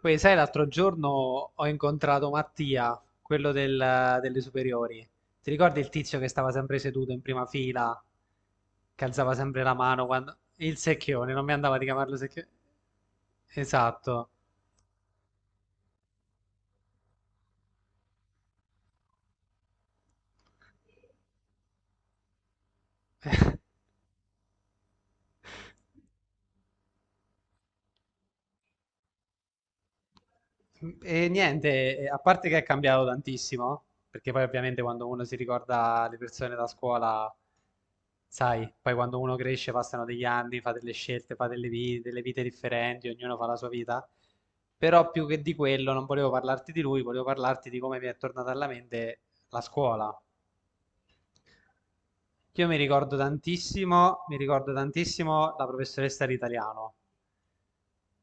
Poi sai, l'altro giorno ho incontrato Mattia, quello delle superiori. Ti ricordi il tizio che stava sempre seduto in prima fila, che alzava sempre la mano quando... Il secchione, non mi andava di chiamarlo secchione. Esatto. E niente, a parte che è cambiato tantissimo, perché poi ovviamente quando uno si ricorda le persone da scuola. Sai, poi quando uno cresce passano degli anni, fa delle scelte, fa delle vite differenti, ognuno fa la sua vita. Però più che di quello non volevo parlarti di lui, volevo parlarti di come mi è tornata alla mente la scuola. Io mi ricordo tantissimo la professoressa di italiano,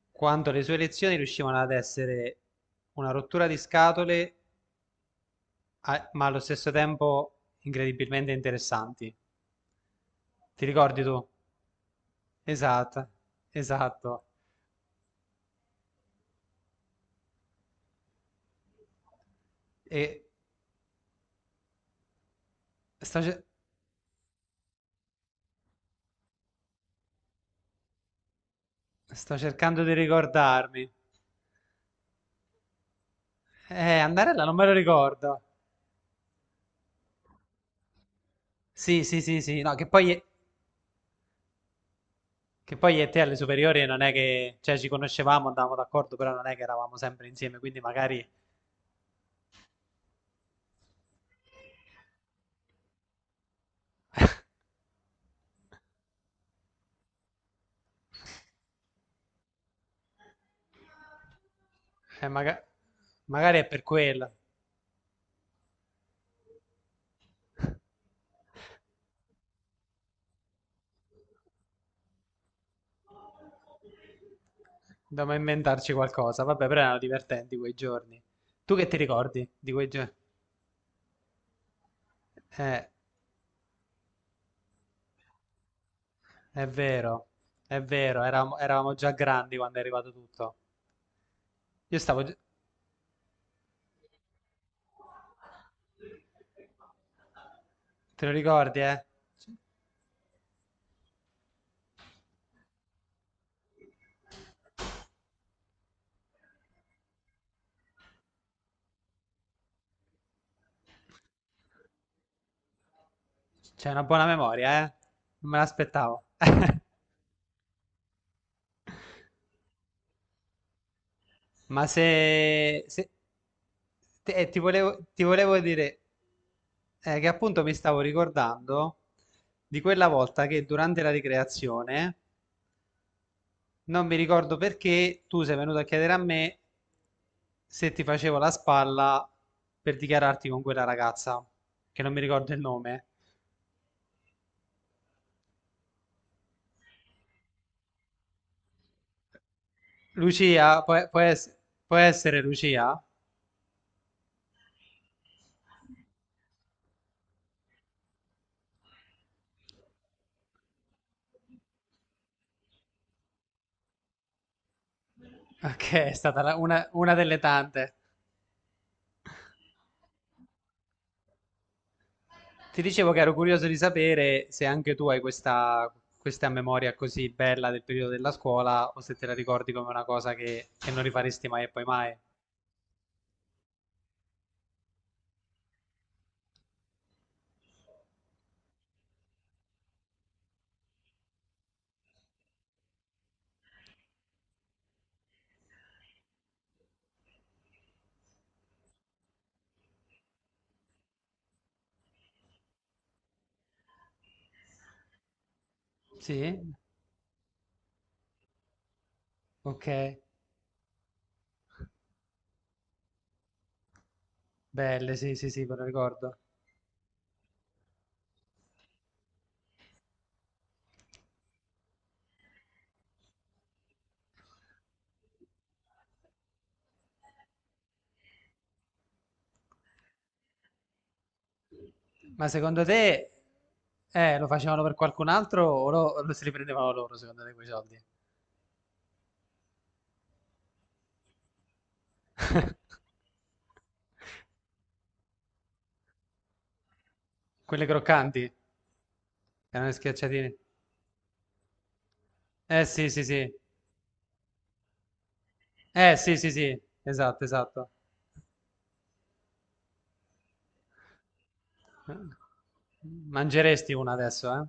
quando le sue lezioni riuscivano ad essere una rottura di scatole, ma allo stesso tempo incredibilmente interessanti. Ti ricordi tu? Esatto, esatto. E Sto, ce- sto cercando di ricordarmi. Andarella non me lo ricordo. Sì, sì, sì, sì. No. Che poi io e te alle superiori non è che... Cioè, ci conoscevamo, andavamo d'accordo, però non è che eravamo sempre insieme, quindi magari... eh, maga- magari è per quello. Dobbiamo inventarci qualcosa. Vabbè, però erano divertenti quei giorni. Tu che ti ricordi di quei giorni? Eh, è vero, è vero, eravamo, eravamo già grandi quando è arrivato tutto. Io stavo... gi- Te lo ricordi, eh? C'è una buona memoria, eh? Non me l'aspettavo. Ma se, se- ti volevo dire che appunto mi stavo ricordando di quella volta che durante la ricreazione non mi ricordo perché tu sei venuto a chiedere a me se ti facevo la spalla per dichiararti con quella ragazza, che non mi ricordo il nome. Lucia, può essere Lucia? Ok, è stata una delle tante. Ti dicevo che ero curioso di sapere se anche tu hai questa, questa memoria così bella del periodo della scuola o se te la ricordi come una cosa che non rifaresti mai e poi mai. Sì? Ok. Belle, sì, sì, sì, me lo ricordo. Ma secondo te lo facevano per qualcun altro o lo se li prendevano loro, secondo te, quei soldi? Quelle croccanti, erano le schiacciatine. Eh sì, sì, sì. Eh sì, sì, sì. Esatto, esatto. Mangeresti una adesso, eh?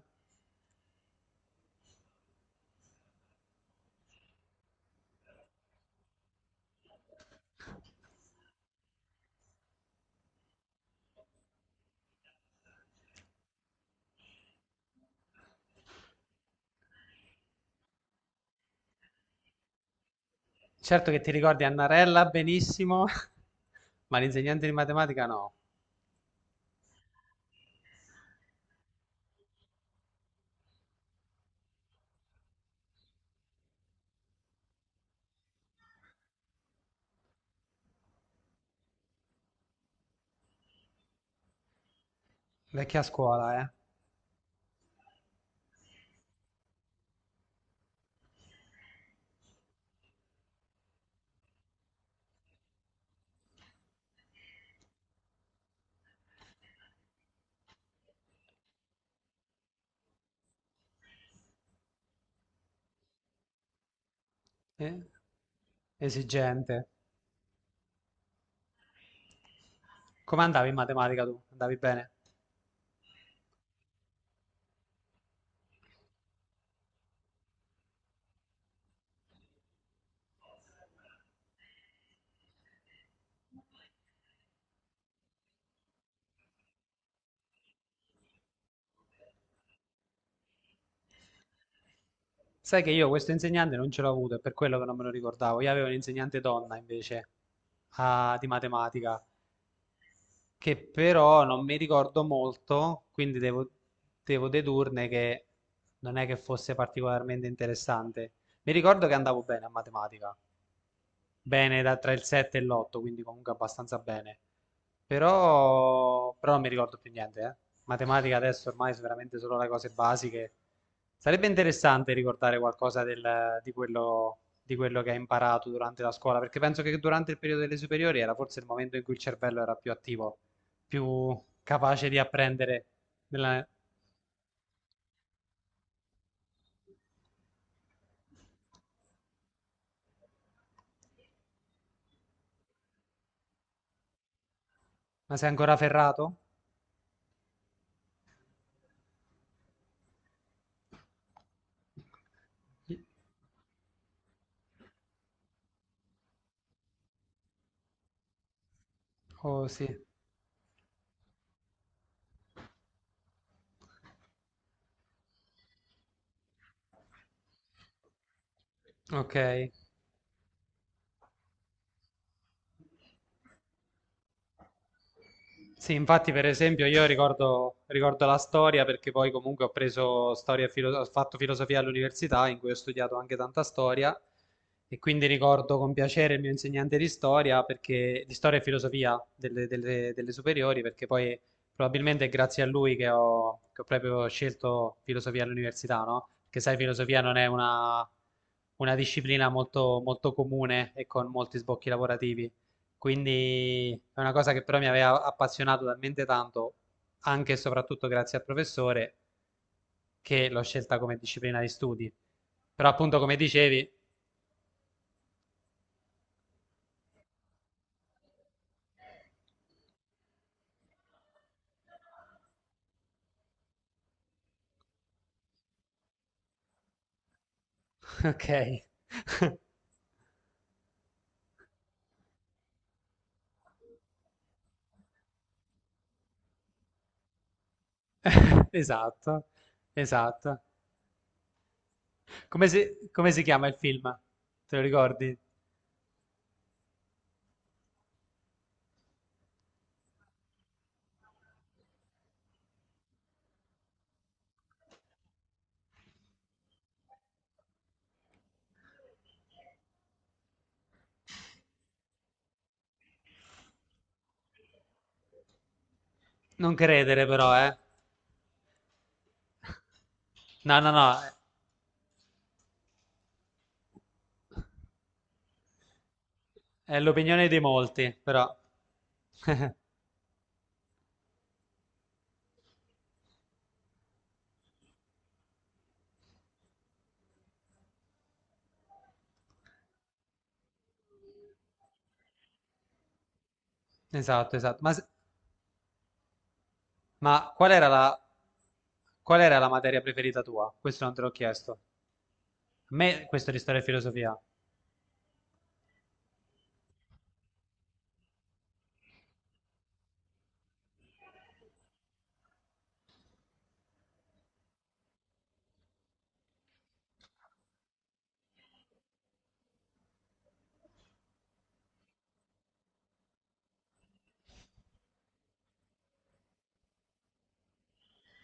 Certo che ti ricordi Annarella benissimo, ma l'insegnante di matematica no. Vecchia scuola, eh? Esigente. Come andavi in matematica tu? Andavi bene? Sai che io questo insegnante non ce l'ho avuto, è per quello che non me lo ricordavo. Io avevo un'insegnante donna invece di matematica, che però non mi ricordo molto, quindi devo, devo dedurne che non è che fosse particolarmente interessante. Mi ricordo che andavo bene a matematica, bene da, tra il 7 e l'8, quindi comunque abbastanza bene. Però, però non mi ricordo più niente, eh. Matematica adesso ormai sono veramente solo le cose basiche. Sarebbe interessante ricordare qualcosa di quello che hai imparato durante la scuola, perché penso che durante il periodo delle superiori era forse il momento in cui il cervello era più attivo, più capace di apprendere. della- Ma sei ancora ferrato? Oh sì, ok. Sì, infatti, per esempio, io ricordo, ricordo la storia perché poi comunque ho preso storia e ho fatto filosofia all'università in cui ho studiato anche tanta storia e quindi ricordo con piacere il mio insegnante di storia perché, di storia e filosofia delle superiori perché poi probabilmente è grazie a lui che ho proprio scelto filosofia all'università, no? Perché sai, filosofia non è una disciplina molto, molto comune e con molti sbocchi lavorativi. Quindi è una cosa che però mi aveva appassionato talmente tanto, anche e soprattutto grazie al professore, che l'ho scelta come disciplina di studi. Però appunto come dicevi, ok, esatto, esatto. Come si, come si chiama il film? Te lo ricordi? Non credere però, eh. No, no, no, è l'opinione di molti, però. Esatto, esatto. Ma qual era la materia preferita tua? Questo non te l'ho chiesto. A me questo di storia e filosofia.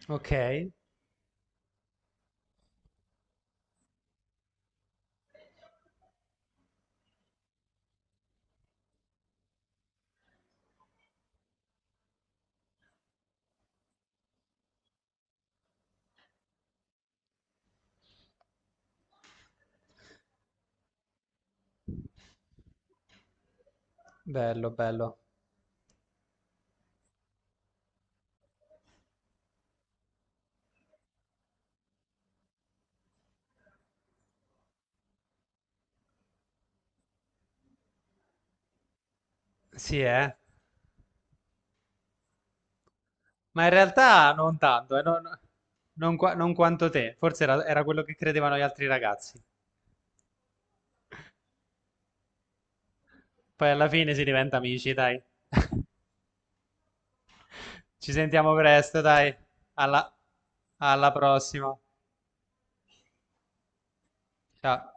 Ok, bello, bello. Sì, eh. Ma in realtà non tanto, non, non quanto te. Forse era, era quello che credevano gli altri ragazzi. Poi alla fine si diventa amici, dai. Ci sentiamo presto, dai. Alla alla prossima. Ciao.